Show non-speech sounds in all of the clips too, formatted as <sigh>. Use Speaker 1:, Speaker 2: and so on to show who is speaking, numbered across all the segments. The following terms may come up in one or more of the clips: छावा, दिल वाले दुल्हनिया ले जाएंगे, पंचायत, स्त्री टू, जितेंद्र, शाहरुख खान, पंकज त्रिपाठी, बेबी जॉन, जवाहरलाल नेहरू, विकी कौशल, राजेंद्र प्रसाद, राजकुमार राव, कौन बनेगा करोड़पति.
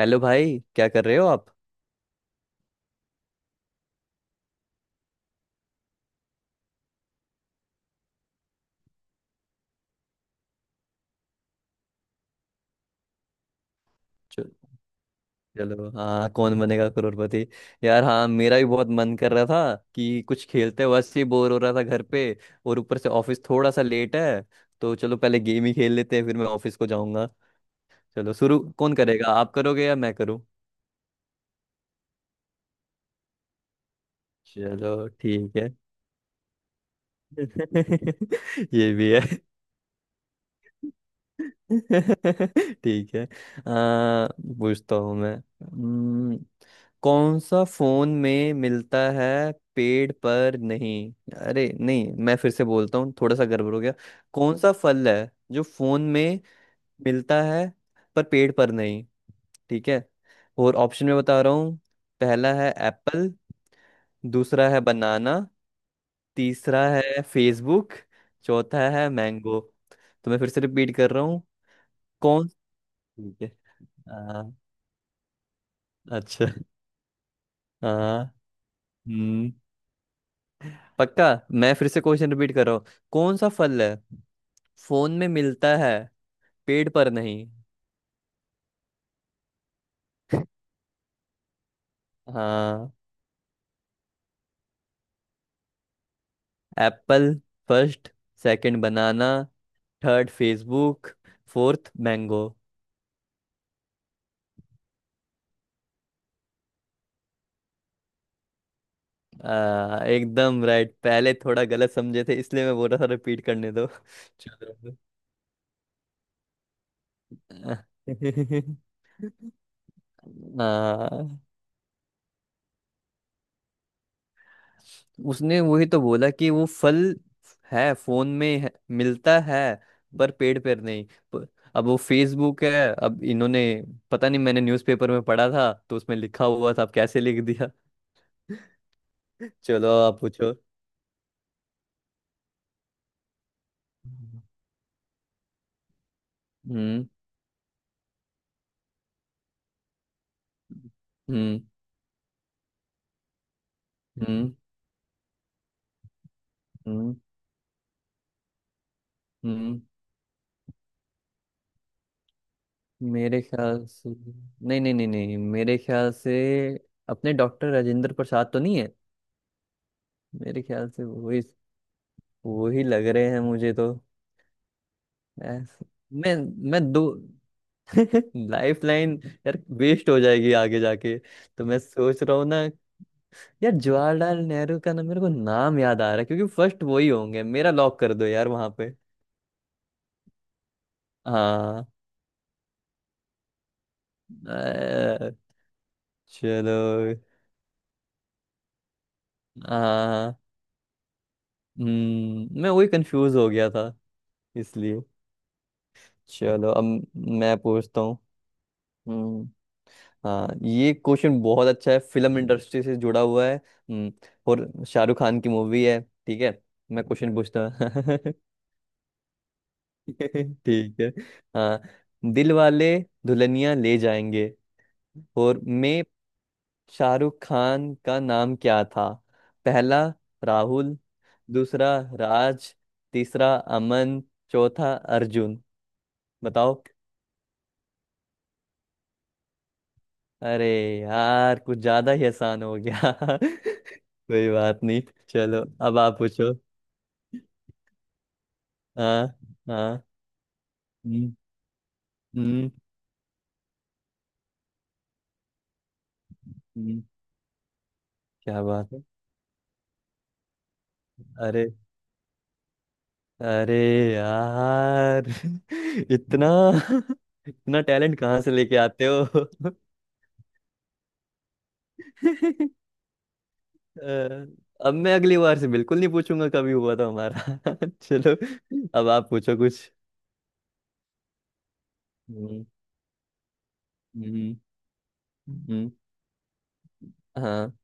Speaker 1: Hello भाई, क्या कर रहे हो आप। चल- चलो हाँ, कौन बनेगा करोड़पति। यार हाँ, मेरा भी बहुत मन कर रहा था कि कुछ खेलते, वैसे ही बोर हो रहा था घर पे। और ऊपर से ऑफिस थोड़ा सा लेट है, तो चलो पहले गेम ही खेल लेते हैं, फिर मैं ऑफिस को जाऊंगा। चलो शुरू, कौन करेगा, आप करोगे या मैं करूँ। चलो ठीक है। <laughs> ये भी है। <laughs> ठीक है। पूछता हूँ मैं। कौन सा फोन में मिलता है, पेड़ पर नहीं। अरे नहीं, मैं फिर से बोलता हूँ, थोड़ा सा गड़बड़ हो गया। कौन सा फल है जो फोन में मिलता है पर पेड़ पर नहीं। ठीक है, और ऑप्शन में बता रहा हूँ। पहला है एप्पल। दूसरा है बनाना। तीसरा है फेसबुक। चौथा है मैंगो। तो मैं फिर से रिपीट कर रहा हूँ। कौन। ठीक है, हाँ। अच्छा। हाँ। हम्म। पक्का। मैं फिर से क्वेश्चन रिपीट कर रहा हूँ। कौन सा फल है फोन में मिलता है पेड़ पर नहीं। हाँ। Apple first. Second banana. Third Facebook. Fourth mango. एकदम राइट। पहले थोड़ा गलत समझे थे, इसलिए मैं बोल रहा था रिपीट करने दो। चलो। <laughs> हाँ। उसने वही तो बोला कि वो फल है, फोन में है, मिलता है, पर पेड़ पर नहीं। प- अब वो फेसबुक है। अब इन्होंने पता नहीं, मैंने न्यूज़पेपर में पढ़ा था तो उसमें लिखा हुआ था, अब कैसे लिख दिया। <laughs> चलो, आप पूछो। हम्म। हम्म। हम्म। हम्म। हम्म। मेरे ख्याल से, नहीं नहीं नहीं नहीं, मेरे ख्याल से अपने डॉक्टर राजेंद्र प्रसाद तो नहीं है। मेरे ख्याल से वही, वही लग रहे हैं मुझे तो। ऐस- मैं मैं दो <laughs> लाइफ लाइन। यार वेस्ट हो जाएगी आगे जाके। तो मैं सोच रहा हूँ ना। यार, जवाहरलाल नेहरू का ना मेरे को नाम याद आ रहा है क्योंकि फर्स्ट वही होंगे, मेरा लॉक कर दो यार वहां पे। हाँ। अ, चलो। हाँ। हम्म, मैं वही कंफ्यूज हो गया था इसलिए। चलो अब मैं पूछता हूँ। हम्म, हाँ ये क्वेश्चन बहुत अच्छा है, फिल्म इंडस्ट्री से जुड़ा हुआ है। और शाहरुख खान की मूवी है। ठीक है, मैं क्वेश्चन पूछता हूँ। <laughs> ठीक है। हाँ। दिल वाले दुल्हनिया ले जाएंगे और में शाहरुख खान का नाम क्या था। पहला राहुल। दूसरा राज। तीसरा अमन। चौथा अर्जुन। बताओ। अरे यार, कुछ ज्यादा ही आसान हो गया। <laughs> कोई बात नहीं। चलो अब आप पूछो। हाँ। हाँ। हम्म। हम्म। हम्म, क्या बात है। अरे। अरे यार। <laughs> इतना <laughs> इतना टैलेंट कहाँ से लेके आते हो। <laughs> अ, अब मैं अगली बार से बिल्कुल नहीं पूछूंगा, कभी हुआ था हमारा। <laughs> चलो अब आप पूछो कुछ। हम्म। हम्म। हम्म, हाँ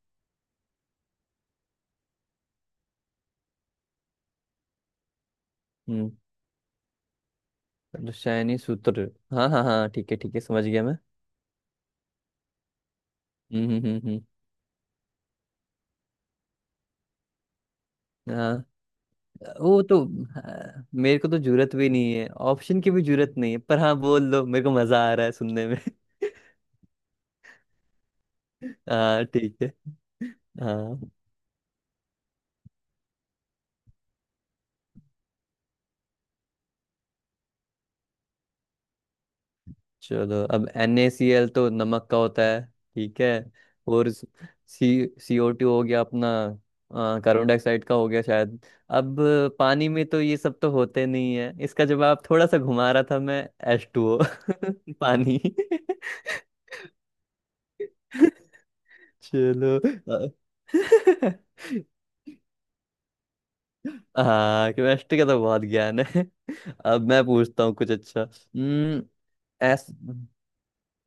Speaker 1: रसायनी सूत्र, हाँ हाँ हाँ ठीक है ठीक है, समझ गया मैं। हम्म। हम्म। हम्म। हाँ। वो तो हाँ, मेरे को तो जरूरत भी नहीं है, ऑप्शन की भी जरूरत नहीं है पर हाँ बोल दो, मेरे को मजा आ रहा है सुनने में। <laughs> हाँ ठीक है। हाँ। चलो, अब NaCl तो नमक का होता है। ठीक है। और सी CO2 हो गया अपना। कार्बन डाइऑक्साइड का हो गया शायद। अब पानी में तो ये सब तो होते नहीं है, इसका जवाब थोड़ा सा घुमा रहा था मैं। H2O। <laughs> पानी। चलो। अ- <laughs> हाँ केमिस्ट्री का तो बहुत ज्ञान है। अब मैं पूछता हूँ कुछ अच्छा। हम्म। एस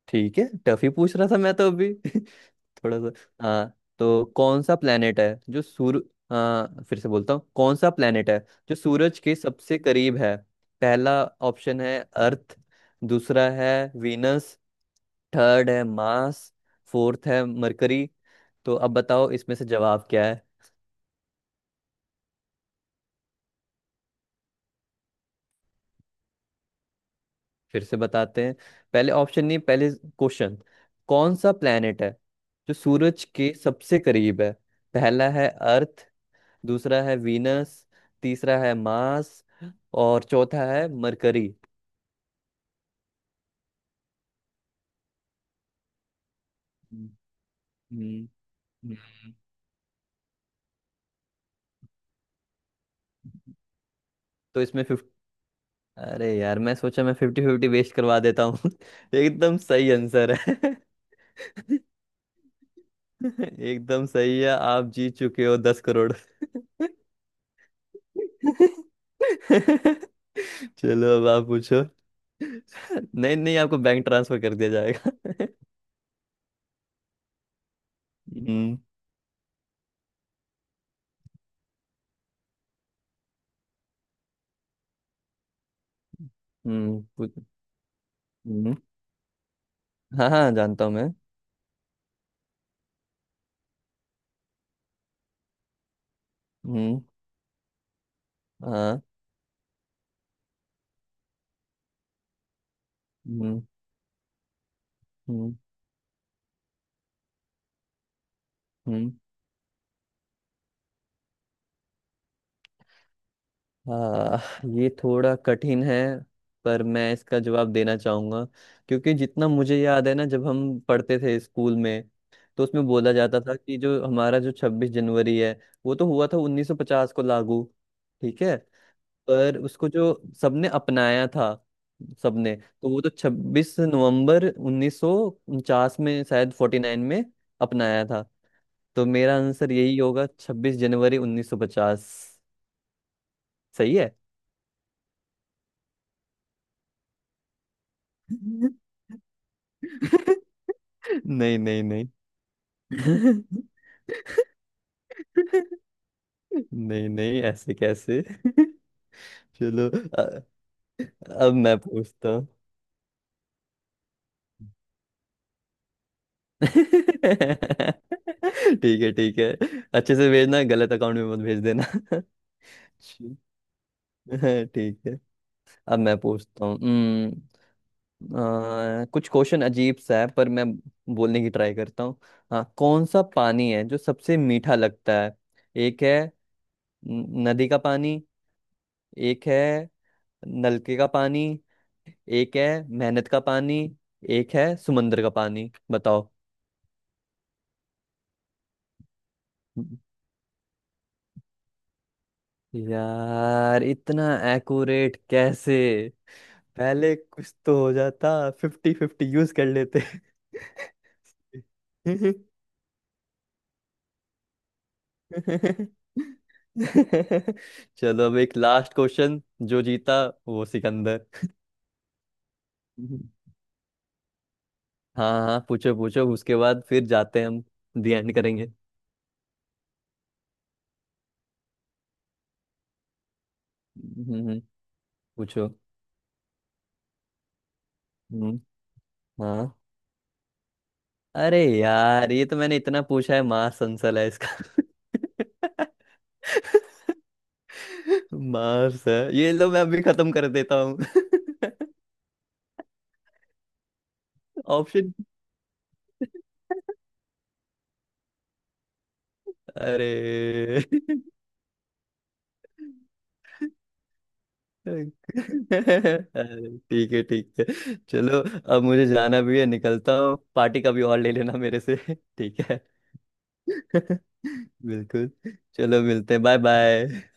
Speaker 1: ठीक है, टफ ही पूछ रहा था मैं तो अभी। <laughs> थोड़ा सा। हाँ तो कौन सा प्लेनेट है जो सूर्य, हाँ फिर से बोलता हूँ कौन सा प्लेनेट है जो सूरज के सबसे करीब है। पहला ऑप्शन है अर्थ। दूसरा है वीनस। थर्ड है मार्स। फोर्थ है मरकरी। तो अब बताओ इसमें से जवाब क्या। फिर से बताते हैं। पहले ऑप्शन नहीं, पहले क्वेश्चन। कौन सा प्लेनेट है जो सूरज के सबसे करीब है। पहला है अर्थ। दूसरा है वीनस। तीसरा है मार्स। और चौथा है मरकरी। हम्म, हम्म, हम्म। तो इसमें फिफ्ट अरे यार, मैं सोचा मैं फिफ्टी फिफ्टी वेस्ट करवा देता हूँ। <laughs> एकदम सही आंसर है। <laughs> एकदम सही है, आप जीत चुके हो 10 करोड़। <laughs> चलो अब आप पूछो। नहीं नहीं, आपको बैंक ट्रांसफर कर दिया जाएगा। <laughs> हम्म। हम्म पु- हम्म, हाँ हाँ जानता हूँ मैं। हम्म। हाँ। हम्म। हम्म। हम्म। हाँ ये थोड़ा कठिन है। पर मैं इसका जवाब देना चाहूंगा, क्योंकि जितना मुझे याद है ना जब हम पढ़ते थे स्कूल में, तो उसमें बोला जाता था कि जो हमारा जो 26 जनवरी है, वो तो हुआ था 1950 को लागू। ठीक है। पर उसको जो सबने अपनाया था, सबने तो वो तो 26 नवंबर 1949 में, शायद 49 में अपनाया था। तो मेरा आंसर यही होगा 26 जनवरी 1950। सही है। <laughs> नहीं नहीं नहीं। <laughs> नहीं नहीं, ऐसे कैसे। <laughs> चलो। अ- अब मैं पूछता हूँ। <laughs> ठीक है ठीक है। अच्छे से भेजना, गलत अकाउंट में मत भेज देना। <laughs> <laughs> है, ठीक है। अब मैं पूछता हूँ। कुछ क्वेश्चन अजीब सा है, पर मैं बोलने की ट्राई करता हूँ। हाँ कौन सा पानी है जो सबसे मीठा लगता है। एक है नदी का पानी। एक है नलके का पानी। एक है मेहनत का पानी। एक है समुंदर का पानी, बताओ। यार इतना एक्यूरेट कैसे। पहले कुछ तो हो जाता, फिफ्टी फिफ्टी यूज कर लेते। <laughs> <laughs> चलो, अब एक लास्ट क्वेश्चन, जो जीता वो सिकंदर। हम्म, हाँ हाँ पूछो पूछो, उसके बाद फिर जाते हैं हम। दी एंड करेंगे। हम्म। पूछो। हम्म। हाँ। अरे यार, ये तो मैंने इतना पूछा है, मार्स आंसर है इसका। <laughs> मार्स है, ये लो मैं अभी खत्म कर देता हूँ। <laughs> ऑप्शन। अरे। <laughs> अरे, ठीक है ठीक है। चलो, अब मुझे जाना भी है, निकलता हूँ पार्टी का भी, और ले लेना मेरे से। ठीक है। <laughs> बिल्कुल। चलो मिलते हैं, बाय बाय।